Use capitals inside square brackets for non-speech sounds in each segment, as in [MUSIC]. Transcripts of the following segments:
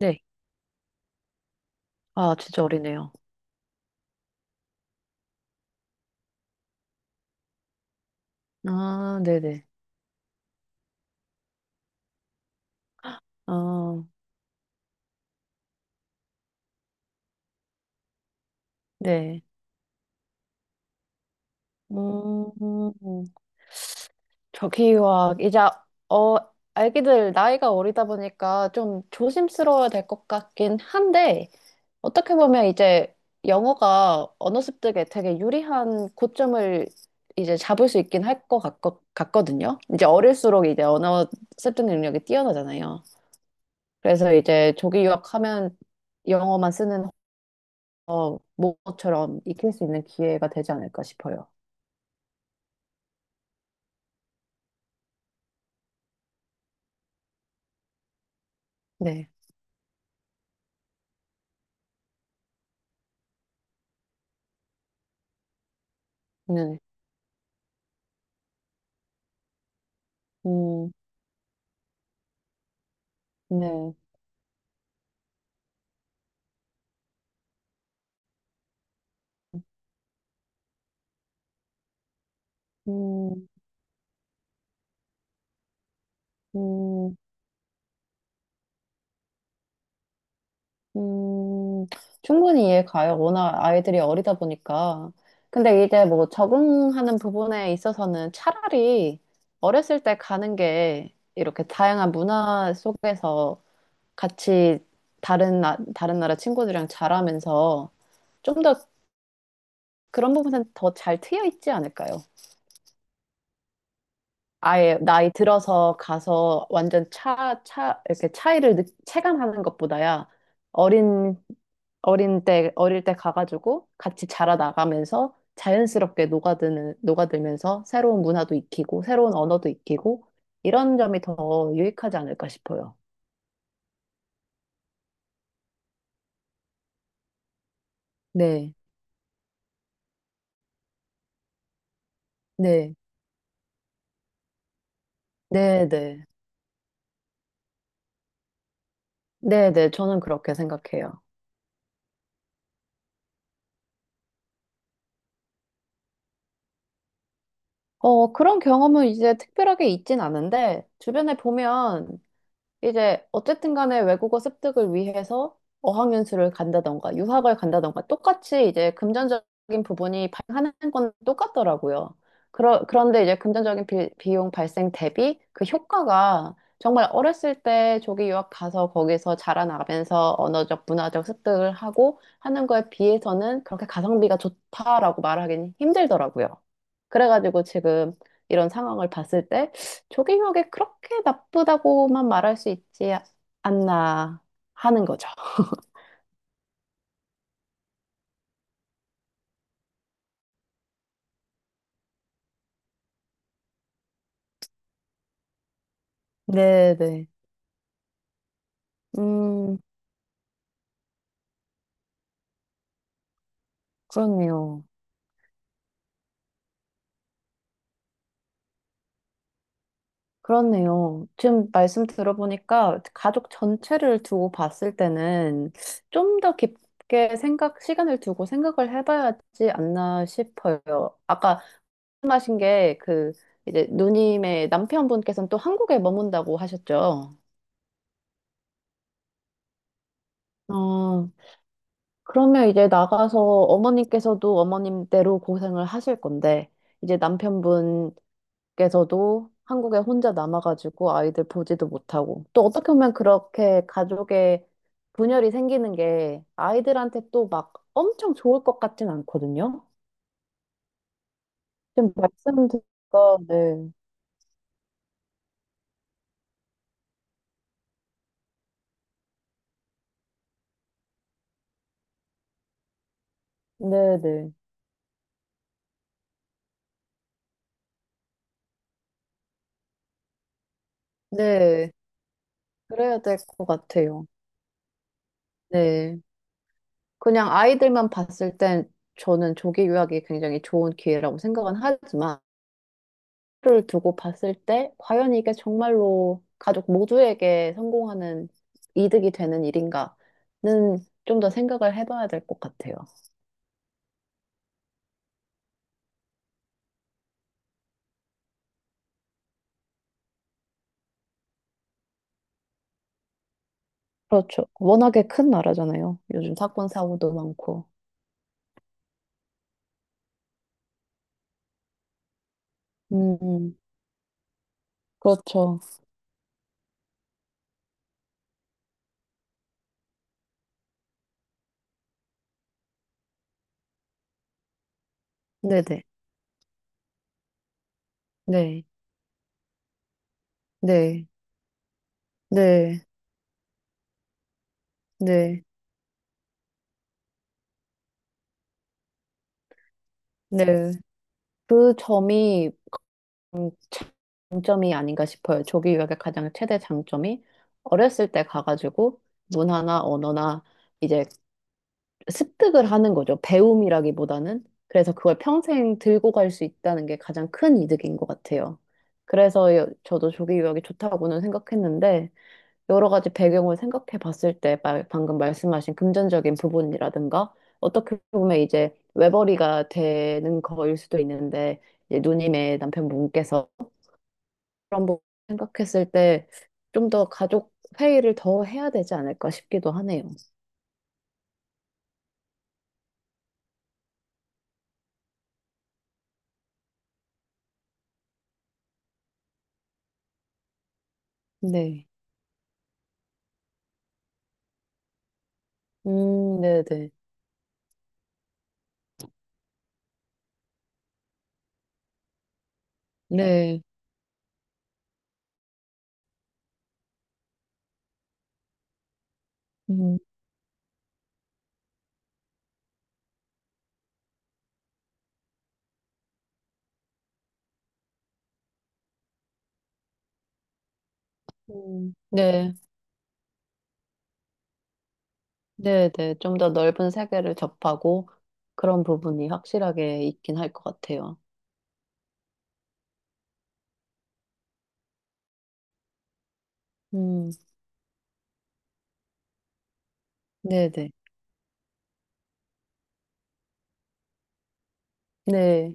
네. 아, 진짜 어리네요. 아, 네네. 아, 네. 음, 저기와 이제, 어, 아기들 나이가 어리다 보니까 좀 조심스러워야 될 것 같긴 한데, 어떻게 보면 이제 영어가 언어 습득에 되게 유리한 고점을 이제 잡을 수 있긴 할 것 같거든요. 이제 어릴수록 이제 언어 습득 능력이 뛰어나잖아요. 그래서 이제 조기 유학하면 영어만 쓰는 모처럼 익힐 수 있는 기회가 되지 않을까 싶어요. 네, 네, 음, 네, 음, 음. 음, 충분히 이해 가요. 워낙 아이들이 어리다 보니까. 근데 이제 뭐 적응하는 부분에 있어서는 차라리 어렸을 때 가는 게 이렇게 다양한 문화 속에서 같이 다른 나라 친구들이랑 자라면서 좀 더 그런 부분은 더 잘 트여 있지 않을까요? 아예 나이 들어서 가서 완전 이렇게 차이를 체감하는 것보다야 어린, 어릴 때 가가지고 같이 자라나가면서 자연스럽게 녹아들면서 새로운 문화도 익히고 새로운 언어도 익히고 이런 점이 더 유익하지 않을까 싶어요. 네, 네, 네, 네. 네, 네. 저는 그렇게 생각해요. 그런 경험은 이제 특별하게 있진 않은데 주변에 보면 이제 어쨌든 간에 외국어 습득을 위해서 어학연수를 간다던가 유학을 간다던가 똑같이 이제 금전적인 부분이 발생하는 건 똑같더라고요. 그런데 이제 금전적인 비용 발생 대비 그 효과가 정말 어렸을 때 조기 유학 가서 거기서 자라나면서 언어적, 문화적 습득을 하고 하는 거에 비해서는 그렇게 가성비가 좋다라고 말하기는 힘들더라고요. 그래가지고 지금 이런 상황을 봤을 때 조경혁이 그렇게 나쁘다고만 말할 수 있지 않나 하는 거죠. 네네. 음, 그렇네요. 그렇네요. 지금 말씀 들어보니까 가족 전체를 두고 봤을 때는 좀 더 깊게 생각, 시간을 두고 생각을 해봐야지 않나 싶어요. 아까 말씀하신 게 그 이제 누님의 남편분께서는 또 한국에 머문다고 하셨죠. 어, 그러면 이제 나가서 어머님께서도 어머님대로 고생을 하실 건데, 이제 남편분께서도 한국에 혼자 남아가지고 아이들 보지도 못하고, 또 어떻게 보면 그렇게 가족의 분열이 생기는 게 아이들한테 또 막 엄청 좋을 것 같진 않거든요? 지금 말씀 드니까, 네. 네네. 네. 그래야 될 것 같아요. 네. 그냥 아이들만 봤을 땐 저는 조기 유학이 굉장히 좋은 기회라고 생각은 하지만, 를 두고 봤을 때 과연 이게 정말로 가족 모두에게 성공하는 이득이 되는 일인가는 좀 더 생각을 해봐야 될 것 같아요. 그렇죠. 워낙에 큰 나라잖아요. 요즘 사건 사고도 많고. 음, 음. 그렇죠. 네네. 네. 네. 네. 네. 네. 그 점이 음, 장점이 아닌가 싶어요. 조기 유학의 가장 최대 장점이 어렸을 때 가가지고 문화나 언어나 이제 습득을 하는 거죠. 배움이라기보다는. 그래서 그걸 평생 들고 갈 수 있다는 게 가장 큰 이득인 것 같아요. 그래서 저도 조기 유학이 좋다고는 생각했는데, 여러 가지 배경을 생각해 봤을 때, 방금 말씀하신 금전적인 부분이라든가, 어떻게 보면 이제 외벌이가 되는 거일 수도 있는데, 이제 누님의 남편분께서 그런 부분 생각했을 때, 좀 더 가족 회의를 더 해야 되지 않을까 싶기도 하네요. 네. 네네. 네. 음, 네, 네, 네. 좀 더 넓은 세계를 접하고 그런 부분이 확실하게 있긴 할 것 같아요. 음, 네, 네. 네,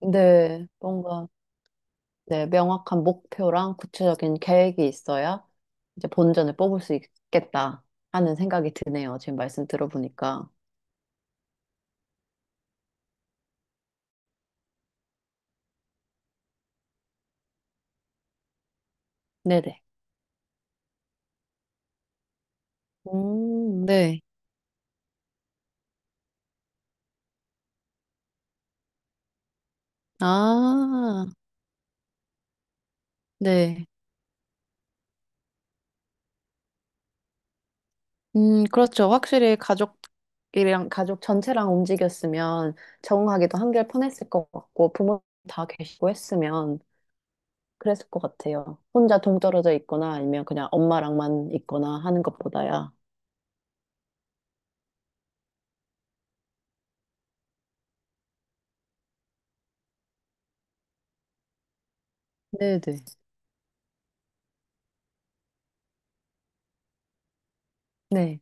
네. 뭔가, 네, 명확한 목표랑 구체적인 계획이 있어야 이제 본전을 뽑을 수 있겠다 하는 생각이 드네요. 지금 말씀 들어보니까. 네네. 네. 아, 네. 그렇죠. 확실히 가족이랑 가족 전체랑 움직였으면 적응하기도 한결 편했을 것 같고 부모 다 계시고 했으면 그랬을 것 같아요. 혼자 동떨어져 있거나 아니면 그냥 엄마랑만 있거나 하는 것보다야. 네네. 네,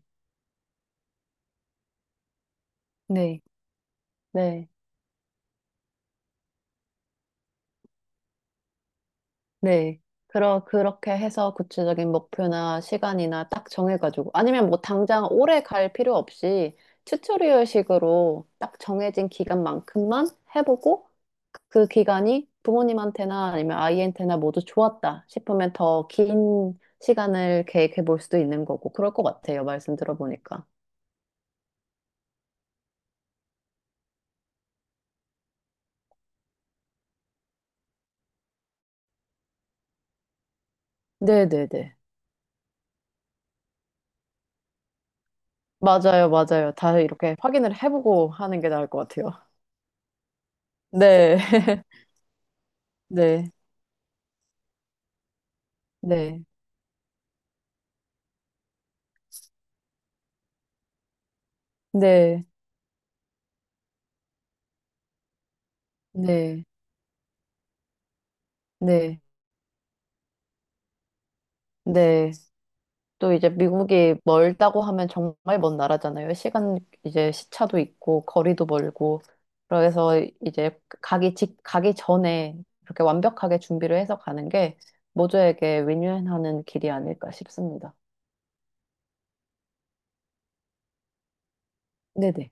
네, 네. 네. 그렇게 해서 구체적인 목표나 시간이나 딱 정해가지고, 아니면 뭐 당장 오래 갈 필요 없이 튜토리얼식으로 딱 정해진 기간만큼만 해보고, 그 기간이 부모님한테나 아니면 아이한테나 모두 좋았다 싶으면 더 긴 시간을 계획해 볼 수도 있는 거고, 그럴 것 같아요. 말씀 들어보니까. 네네네. 맞아요, 맞아요. 다 이렇게 확인을 해보고 하는 게 나을 것 같아요. 네. [LAUGHS] 네. 네. 네. 네. 네, 네. 또 이제 미국이 멀다고 하면 정말 먼 나라잖아요. 시간 이제 시차도 있고 거리도 멀고 그래서 이제 가기 전에 그렇게 완벽하게 준비를 해서 가는 게 모두에게 윈윈하는 길이 아닐까 싶습니다. 네네.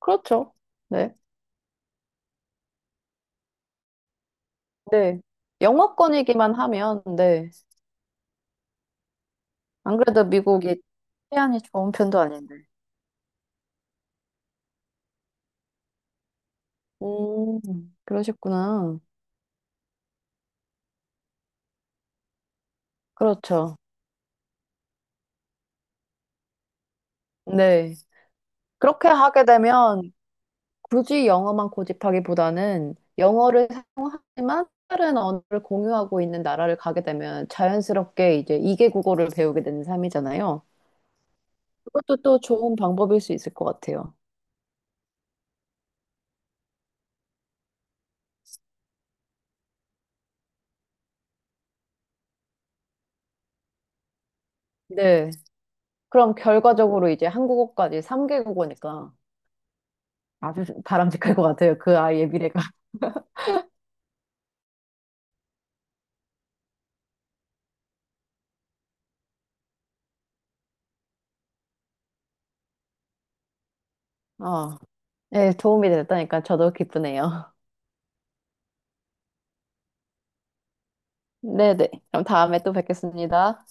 그렇죠. 네. 네. 영어권이기만 하면 네. 안 그래도 미국이 치안이 좋은 편도 아닌데. 음, 그러셨구나. 그렇죠. 네. 그렇게 하게 되면 굳이 영어만 고집하기보다는 영어를 사용하지만 다른 언어를 공유하고 있는 나라를 가게 되면 자연스럽게 이제 2개 국어를 배우게 되는 삶이잖아요. 그것도 또 좋은 방법일 수 있을 것 같아요. 네. 그럼 결과적으로 이제 한국어까지 3개 국어니까 아주 바람직할 것 같아요. 그 아이의 미래가. 어, 네, 도움이 됐다니까 저도 기쁘네요. [LAUGHS] 네네. 그럼 다음에 또 뵙겠습니다.